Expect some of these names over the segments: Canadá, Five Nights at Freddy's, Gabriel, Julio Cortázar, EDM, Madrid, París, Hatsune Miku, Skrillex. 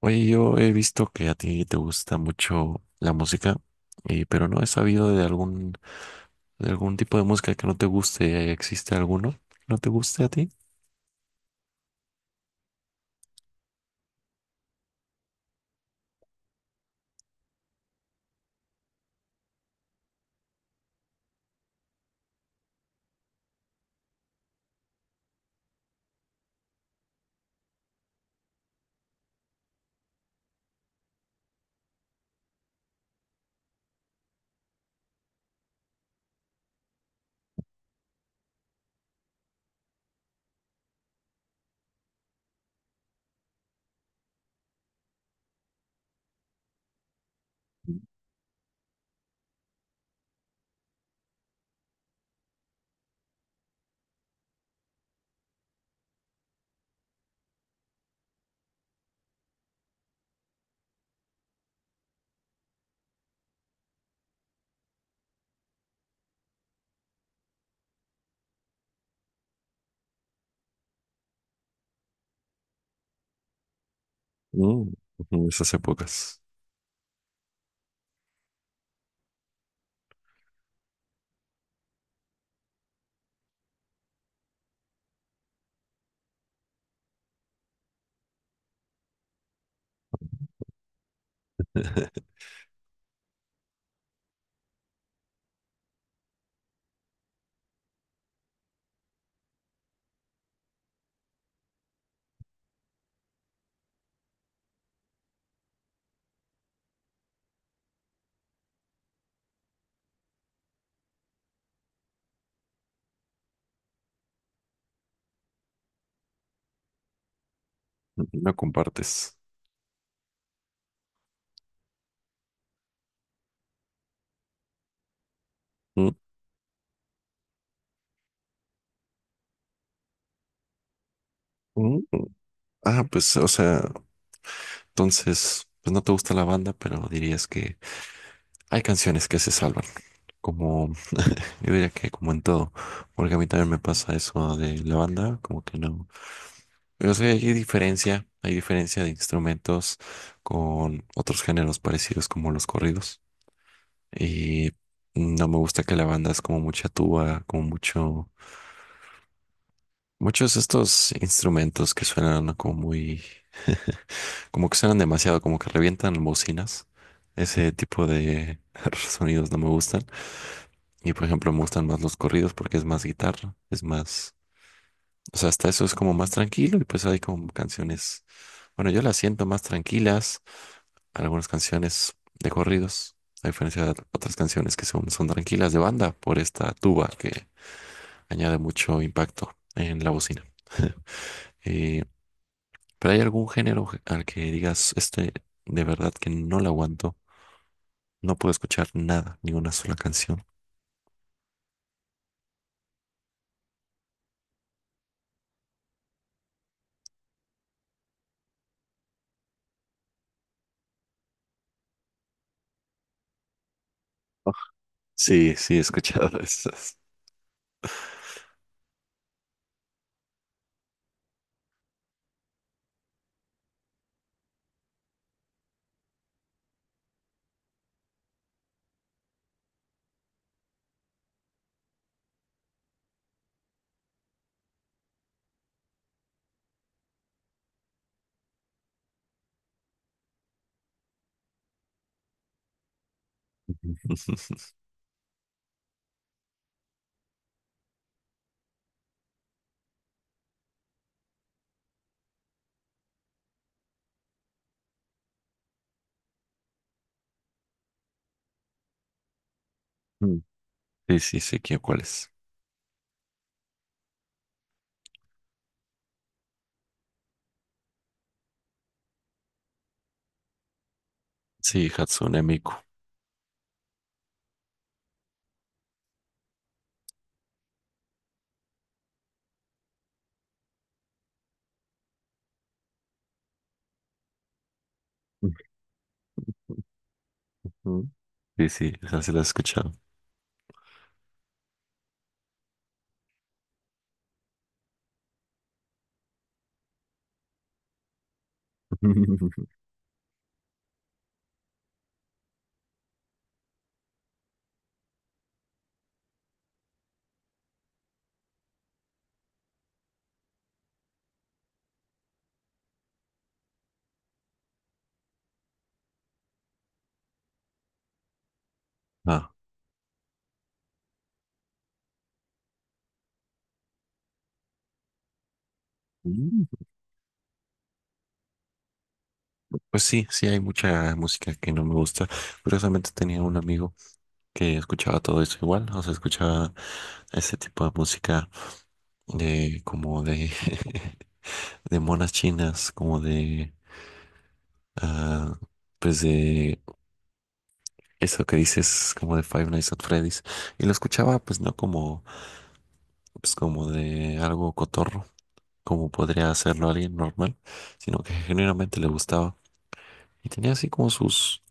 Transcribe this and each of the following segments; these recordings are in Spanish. Oye, yo he visto que a ti te gusta mucho la música, pero no he sabido de algún tipo de música que no te guste. ¿Existe alguno que no te guste a ti? Mm, en esas épocas. No compartes. Mm, mm, mm. Ah, pues, o sea, entonces, pues no te gusta la banda, pero dirías que hay canciones que se salvan, como, yo diría que como en todo, porque a mí también me pasa eso de la banda, como que no. O sea, hay diferencia de instrumentos con otros géneros parecidos como los corridos, y no me gusta que la banda es como mucha tuba, como mucho, muchos de estos instrumentos que suenan como muy. Como que suenan demasiado, como que revientan bocinas. Ese tipo de sonidos no me gustan. Y por ejemplo, me gustan más los corridos porque es más guitarra, es más. O sea, hasta eso es como más tranquilo y pues hay como canciones. Bueno, yo las siento más tranquilas, algunas canciones de corridos, a diferencia de otras canciones que son, son tranquilas de banda por esta tuba que añade mucho impacto en la bocina. Eh, pero hay algún género al que digas, este, de verdad que no lo aguanto. No puedo escuchar nada, ni una sola canción. Oh, sí, sí, he escuchado esas. Ujú. Sí, sí, sé quién, cuál es. Sí, Hatsune Miku. Ujú. Sí, sí, esa se la he escuchado. Ujú. Ah. Mm. Pues sí, sí hay mucha música que no me gusta. Curiosamente tenía un amigo que escuchaba todo eso igual, o sea, escuchaba ese tipo de música de como de de monas chinas, como de, ah, pues de. Eso que dices como de Five Nights at Freddy's. Y lo escuchaba pues no como, pues, como de algo cotorro, como podría hacerlo alguien normal, sino que genuinamente le gustaba. Y tenía así como sus,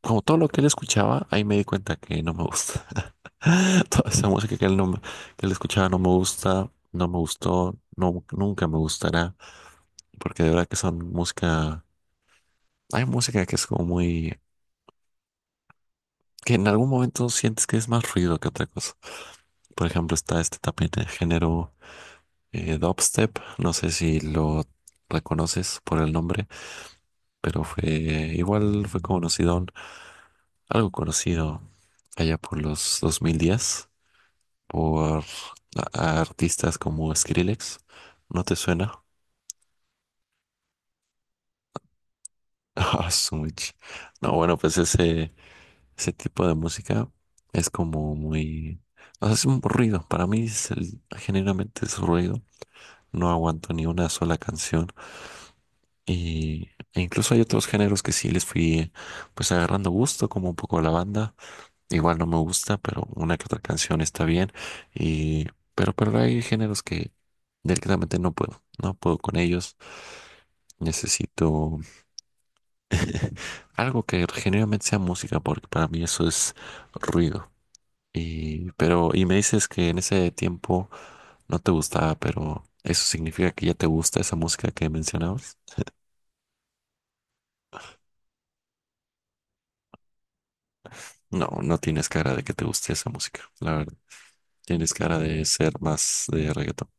como todo lo que él escuchaba, ahí me di cuenta que no me gusta. Toda esa música que él, no, que él escuchaba no me gusta, no me gustó, no, nunca me gustará, porque de verdad que son música, hay música que es como muy, que en algún momento sientes que es más ruido que otra cosa. Por ejemplo, está este tapete de género. Dubstep, no sé si lo reconoces por el nombre, pero fue, igual fue conocido, algo conocido allá por los 2010 por a artistas como Skrillex. ¿No te suena? Ah, su. No, bueno, pues ese tipo de música es como muy. O sea, es un ruido. Para mí es generalmente es ruido. No aguanto ni una sola canción. Y e incluso hay otros géneros que sí les fui pues agarrando gusto, como un poco la banda. Igual no me gusta, pero una que otra canción está bien. Y pero hay géneros que directamente no puedo, no puedo con ellos. Necesito algo que genuinamente sea música, porque para mí eso es ruido. Y pero y me dices que en ese tiempo no te gustaba, pero eso significa que ya te gusta esa música que mencionabas. No, no tienes cara de que te guste esa música, la verdad. Tienes cara de ser más de reggaetón.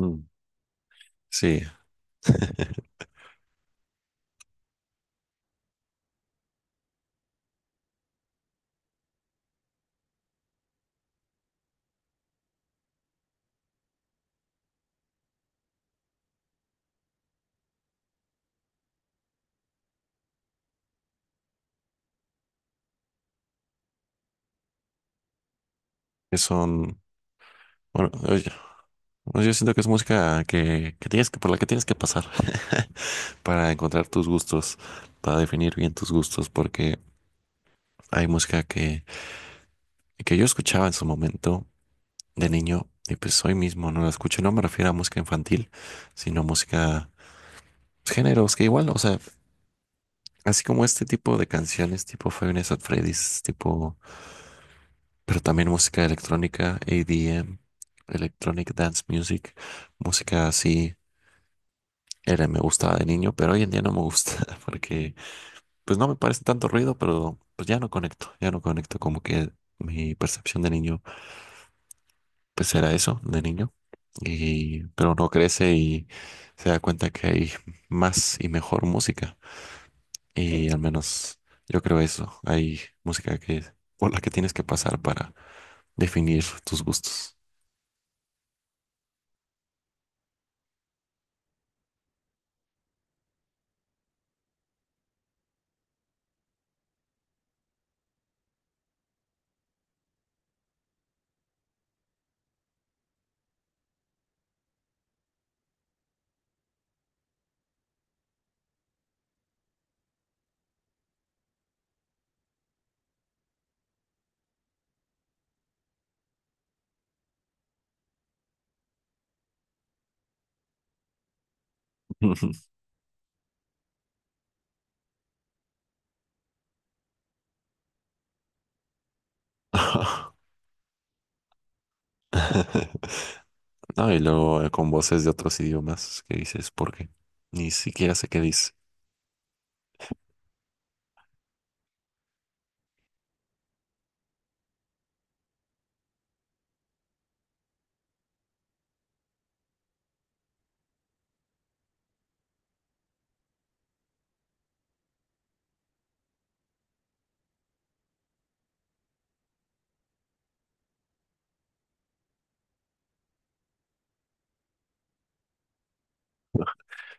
Mm, sí, que son, bueno, oye, bueno, yo siento que es música que tienes que, por la que tienes que pasar para encontrar tus gustos, para definir bien tus gustos, porque hay música que yo escuchaba en su momento de niño y pues hoy mismo no la escucho. No me refiero a música infantil, sino música, pues, géneros que igual, o sea. Así como este tipo de canciones, tipo Five Nights at Freddy's, tipo, pero también música electrónica, EDM, Electronic Dance Music, música así, era, me gustaba de niño, pero hoy en día no me gusta, porque pues no me parece tanto ruido, pero pues ya no conecto, como que mi percepción de niño, pues era eso, de niño, y, pero uno crece y se da cuenta que hay más y mejor música. Y al menos yo creo eso. Hay música que por la que tienes que pasar para definir tus gustos. No, y luego con voces de otros idiomas que dices, ¿por qué? Ni siquiera sé qué dice.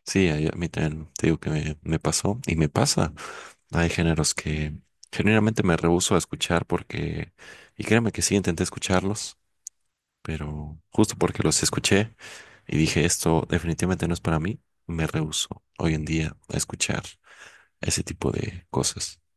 Sí, a mí también te digo que me pasó y me pasa. Hay géneros que generalmente me rehúso a escuchar porque, y créeme que sí, intenté escucharlos, pero justo porque los escuché. Y dije, esto definitivamente no es para mí. Me rehúso hoy en día a escuchar ese tipo de cosas.